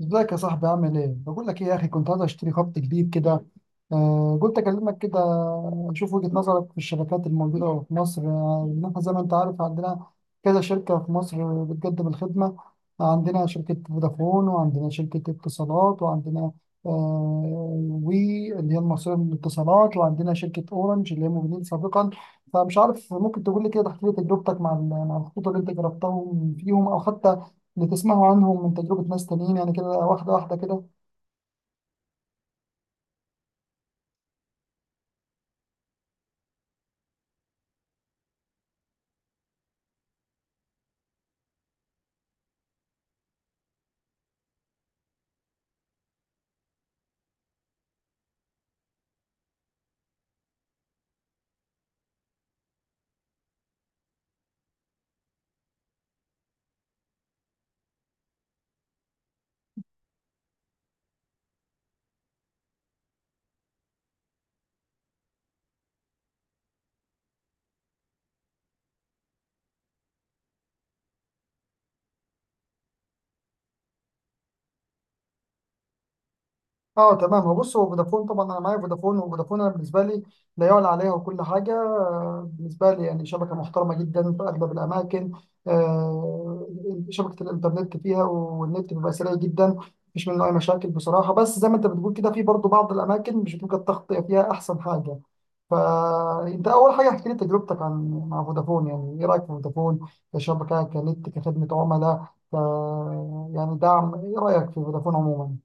ازيك يا صاحبي؟ عامل ايه؟ بقول لك ايه يا اخي، كنت عايز اشتري خط جديد كده. قلت اكلمك كده، اشوف وجهة نظرك في الشبكات الموجودة في مصر. ان احنا زي ما انت عارف، عندنا كذا شركة في مصر بتقدم الخدمة. عندنا شركة فودافون، وعندنا شركة اتصالات، وعندنا وي اللي هي المصرية للاتصالات، وعندنا شركة اورنج اللي هي موجودين سابقا. فمش عارف، ممكن تقول لي كده، تحكي لي تجربتك مع مع الخطوط اللي انت جربتهم فيهم، او حتى بتسمعوا عنهم من تجربة ناس تانيين، يعني كده واحدة واحدة كده. اه تمام، هو بص، هو فودافون طبعا انا معايا فودافون، وفودافون انا بالنسبه لي لا يعلى عليها وكل حاجه. بالنسبه لي يعني شبكه محترمه جدا في اغلب الاماكن. آه، شبكه الانترنت فيها والنت بيبقى سريع جدا، مفيش منه اي مشاكل بصراحه. بس زي ما انت بتقول كده، في برضه بعض الاماكن مش بتبقى التغطيه فيها احسن حاجه. فانت اول حاجه احكي لي تجربتك عن مع فودافون، يعني ايه رايك في فودافون كشبكه، كنت كخدمه عملاء، ك يعني دعم، ايه رايك في فودافون عموما؟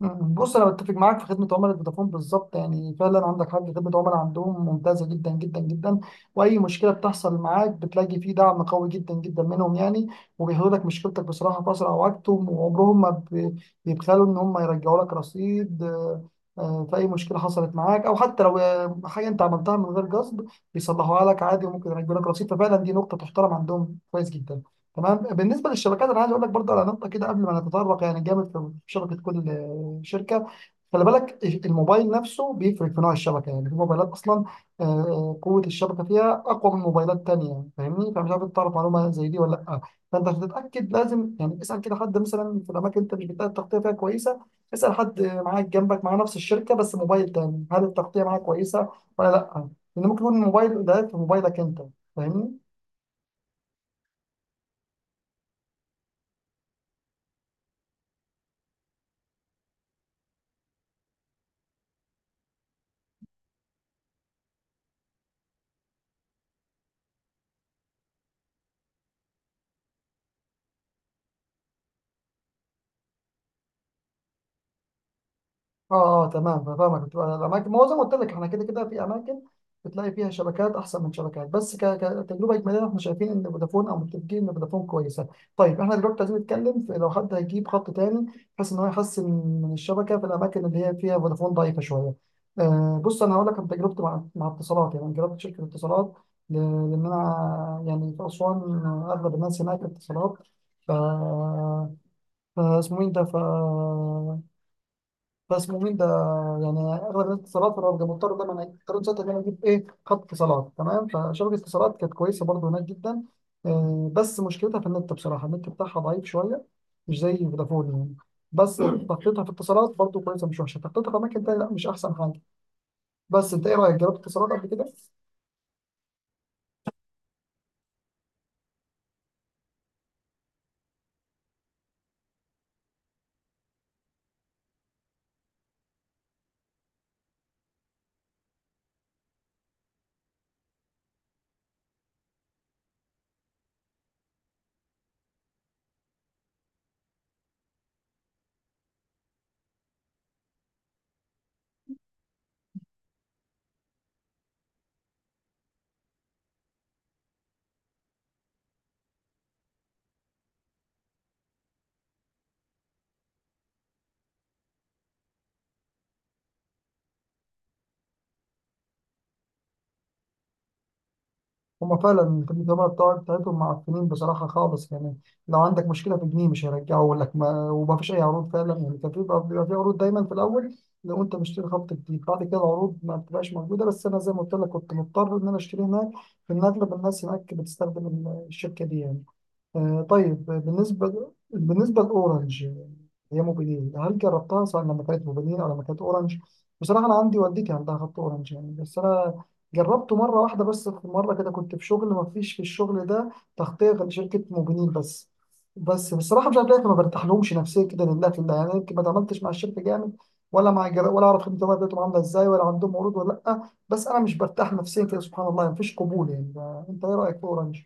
بص انا بتفق معاك في خدمه عملاء فودافون بالظبط، يعني فعلا عندك حق، خدمه عملاء عندهم ممتازه جدا جدا جدا. واي مشكله بتحصل معاك بتلاقي فيه دعم قوي جدا جدا منهم يعني، وبيحلوا لك مشكلتك بصراحه في اسرع وقت، وعمرهم ما بيبخلوا ان هم يرجعوا لك رصيد. في اي مشكله حصلت معاك، او حتى لو حاجه انت عملتها من غير قصد بيصلحوها لك عادي، وممكن يرجعوا لك رصيد. ففعلا دي نقطه تحترم عندهم كويس جدا. تمام، بالنسبه للشبكات انا عايز اقول لك برضه على نقطه كده قبل ما نتطرق يعني جامد في شبكه كل الشركه، خلي بالك الموبايل نفسه بيفرق في نوع الشبكه. يعني في موبايلات اصلا قوه الشبكه فيها اقوى من موبايلات تانية، فاهمني؟ فمش عارف إنت تعرف معلومه زي دي ولا لا. فانت عشان تتاكد لازم يعني اسال كده حد مثلا في الاماكن انت مش بتلاقي التغطيه فيها كويسه، اسال حد معاك جنبك مع نفس الشركه بس موبايل تاني، هل التغطيه معاه كويسه ولا لا؟ لان ممكن يكون الموبايل ضعيف في موبايلك انت، فاهمني؟ اه، اه تمام فاهمك. بتبقى الاماكن، ما هو زي ما قلت لك، احنا كده كده في اماكن بتلاقي فيها شبكات احسن من شبكات، بس كتجربه اجماليه احنا شايفين ان فودافون، او متفقين ان فودافون كويسه. طيب احنا دلوقتي عايزين نتكلم في لو حد هيجيب خط تاني بحيث ان هو يحسن من الشبكه في الاماكن اللي هي فيها فودافون ضعيفه شويه. بص انا هقول لك عن تجربتي مع مع اتصالات. يعني أنا جربت شركه اتصالات ل- لان انا يعني في اسوان اغلب الناس هناك اتصالات، ف فاسمه ايه ده ف بس مؤمن ده، يعني اغلب الاتصالات في الرابطه، مضطر دايما اضطريت ساعتها ان انا اجيب ايه خط اتصالات. تمام، فشبكه اتصالات كانت كويسه برضو هناك جدا. بس مشكلتها في النت، بصراحه النت بتاعها ضعيف شويه، مش زي فودافون يعني. بس تخطيطها في اتصالات برضو كويسه، مش وحشه. تخطيطها في اماكن تانيه، لا مش احسن حاجه. بس انت ايه رايك، جربت اتصالات قبل كده؟ هما فعلا الجماعة بتاعتهم معفنين بصراحة خالص يعني، لو عندك مشكلة في جنيه مش هيرجعوا لك، ما وما فيش أي عروض فعلا. يعني كان في، بيبقى في عروض دايما في الأول لو أنت مشتري خط جديد، بعد كده العروض ما بتبقاش موجودة. بس أنا زي ما قلت لك كنت مضطر إن أنا أشتري هناك لأن أغلب الناس هناك بتستخدم الشركة دي يعني. طيب، بالنسبة لأورنج، هي موبينيل، هل جربتها سواء لما كانت موبينيل أو لما كانت أورنج؟ بصراحة أنا عندي والدتي عندها خط أورنج يعني، بس أنا جربته مرة واحدة بس. في مرة كده كنت في شغل، ما فيش في الشغل ده تغطية غير شركة موبينيل بس. بس بصراحة مش عارف ليه ما برتاحلهمش نفسيا كده، لله في الله يعني، يمكن ما اتعاملتش مع الشركة جامد ولا ولا أعرف خدمة بتاعتهم عاملة إزاي، ولا عندهم عروض ولا لأ، بس أنا مش برتاح نفسيا كده، سبحان الله يعني مفيش قبول يعني. أنت إيه رأيك في أورنج؟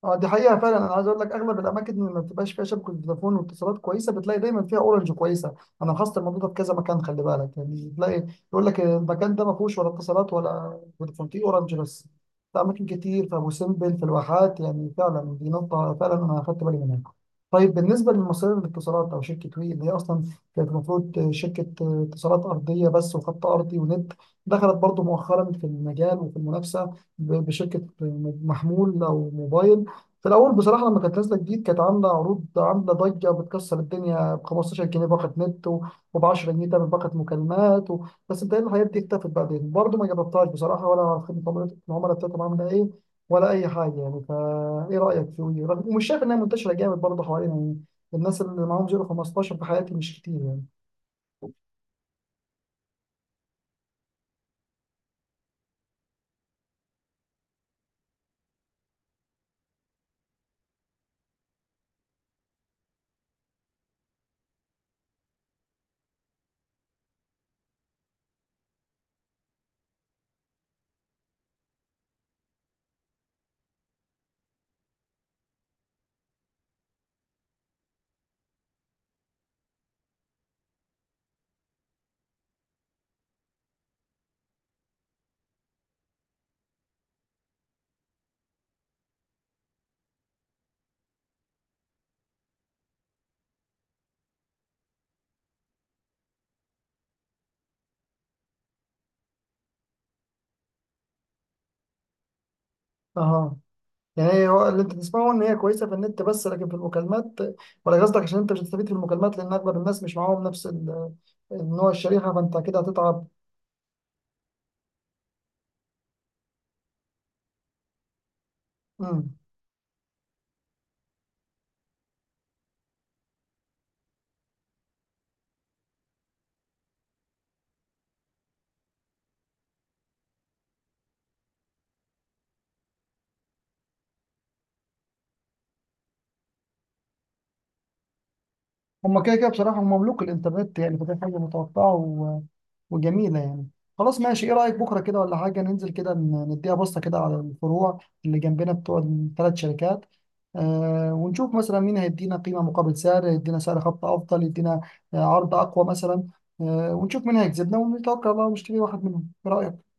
اه دي حقيقة فعلا. انا عايز اقول لك اغلب الاماكن اللي ما بتبقاش فيها شبكة فودافون واتصالات كويسة، بتلاقي دايما فيها اورنج كويسة. انا لاحظت الموضوع ده في كذا مكان. خلي بالك يعني، تلاقي يقول لك المكان ده ما فيهوش ولا اتصالات ولا فودافون، فيه اورنج بس، في اماكن كتير، في ابو سمبل، في الواحات. يعني فعلا دي نقطة فعلا انا اخدت بالي منها. طيب بالنسبة لمصرية الاتصالات او شركة وي، اللي هي اصلا كانت المفروض شركة اتصالات ارضية بس، وخط ارضي ونت، دخلت برضو مؤخرا في المجال وفي المنافسة بشركة محمول او موبايل. في الاول بصراحه لما كانت نازله جديد كانت عامله عروض، عامله ضجه بتكسر الدنيا، ب 15 جنيه باقه نت، وب 10 جنيه تعمل باقه مكالمات بس بتهيألي الحاجات دي اختفت بعدين برضه. ما جربتهاش بصراحه، ولا على خدمه العملاء بتاعتهم عامله ايه ولا اي حاجه يعني. فا ايه رايك في وي؟ ومش شايف انها منتشره جامد برضه حوالينا يعني، الناس اللي معاهم 0 15 في حياتي مش كتير يعني. اها، يعني هي، هو اللي انت تسمعه ان هي كويسه في النت بس لكن في المكالمات، ولا قصدك عشان انت مش هتستفيد في المكالمات لان اغلب الناس مش معاهم نفس النوع، الشريحه، فانت كده هتتعب؟ امم هما كده كده بصراحه هم مملوك الانترنت يعني، فدي حاجه متوقعه وجميلة يعني. خلاص ماشي، ايه رأيك بكرة كده ولا حاجة ننزل كده، نديها بصة كده على الفروع اللي جنبنا بتوع الثلاث شركات. ونشوف مثلا مين هيدينا قيمة مقابل سعر، يدينا سعر خط أفضل، يدينا عرض أقوى مثلا. ونشوف مين هيكسبنا، ونتوكل على الله ونشتري واحد منهم، ايه رأيك؟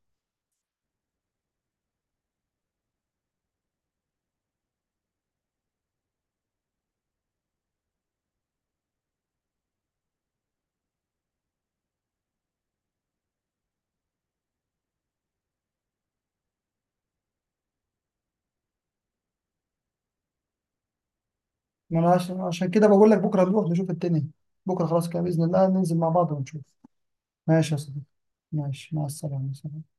ما أنا عشان كده بقول لك بكرة نروح نشوف الدنيا. بكرة خلاص كده بإذن الله ننزل مع بعض ونشوف. ماشي يا صديقي، ماشي، مع السلامة، سلام.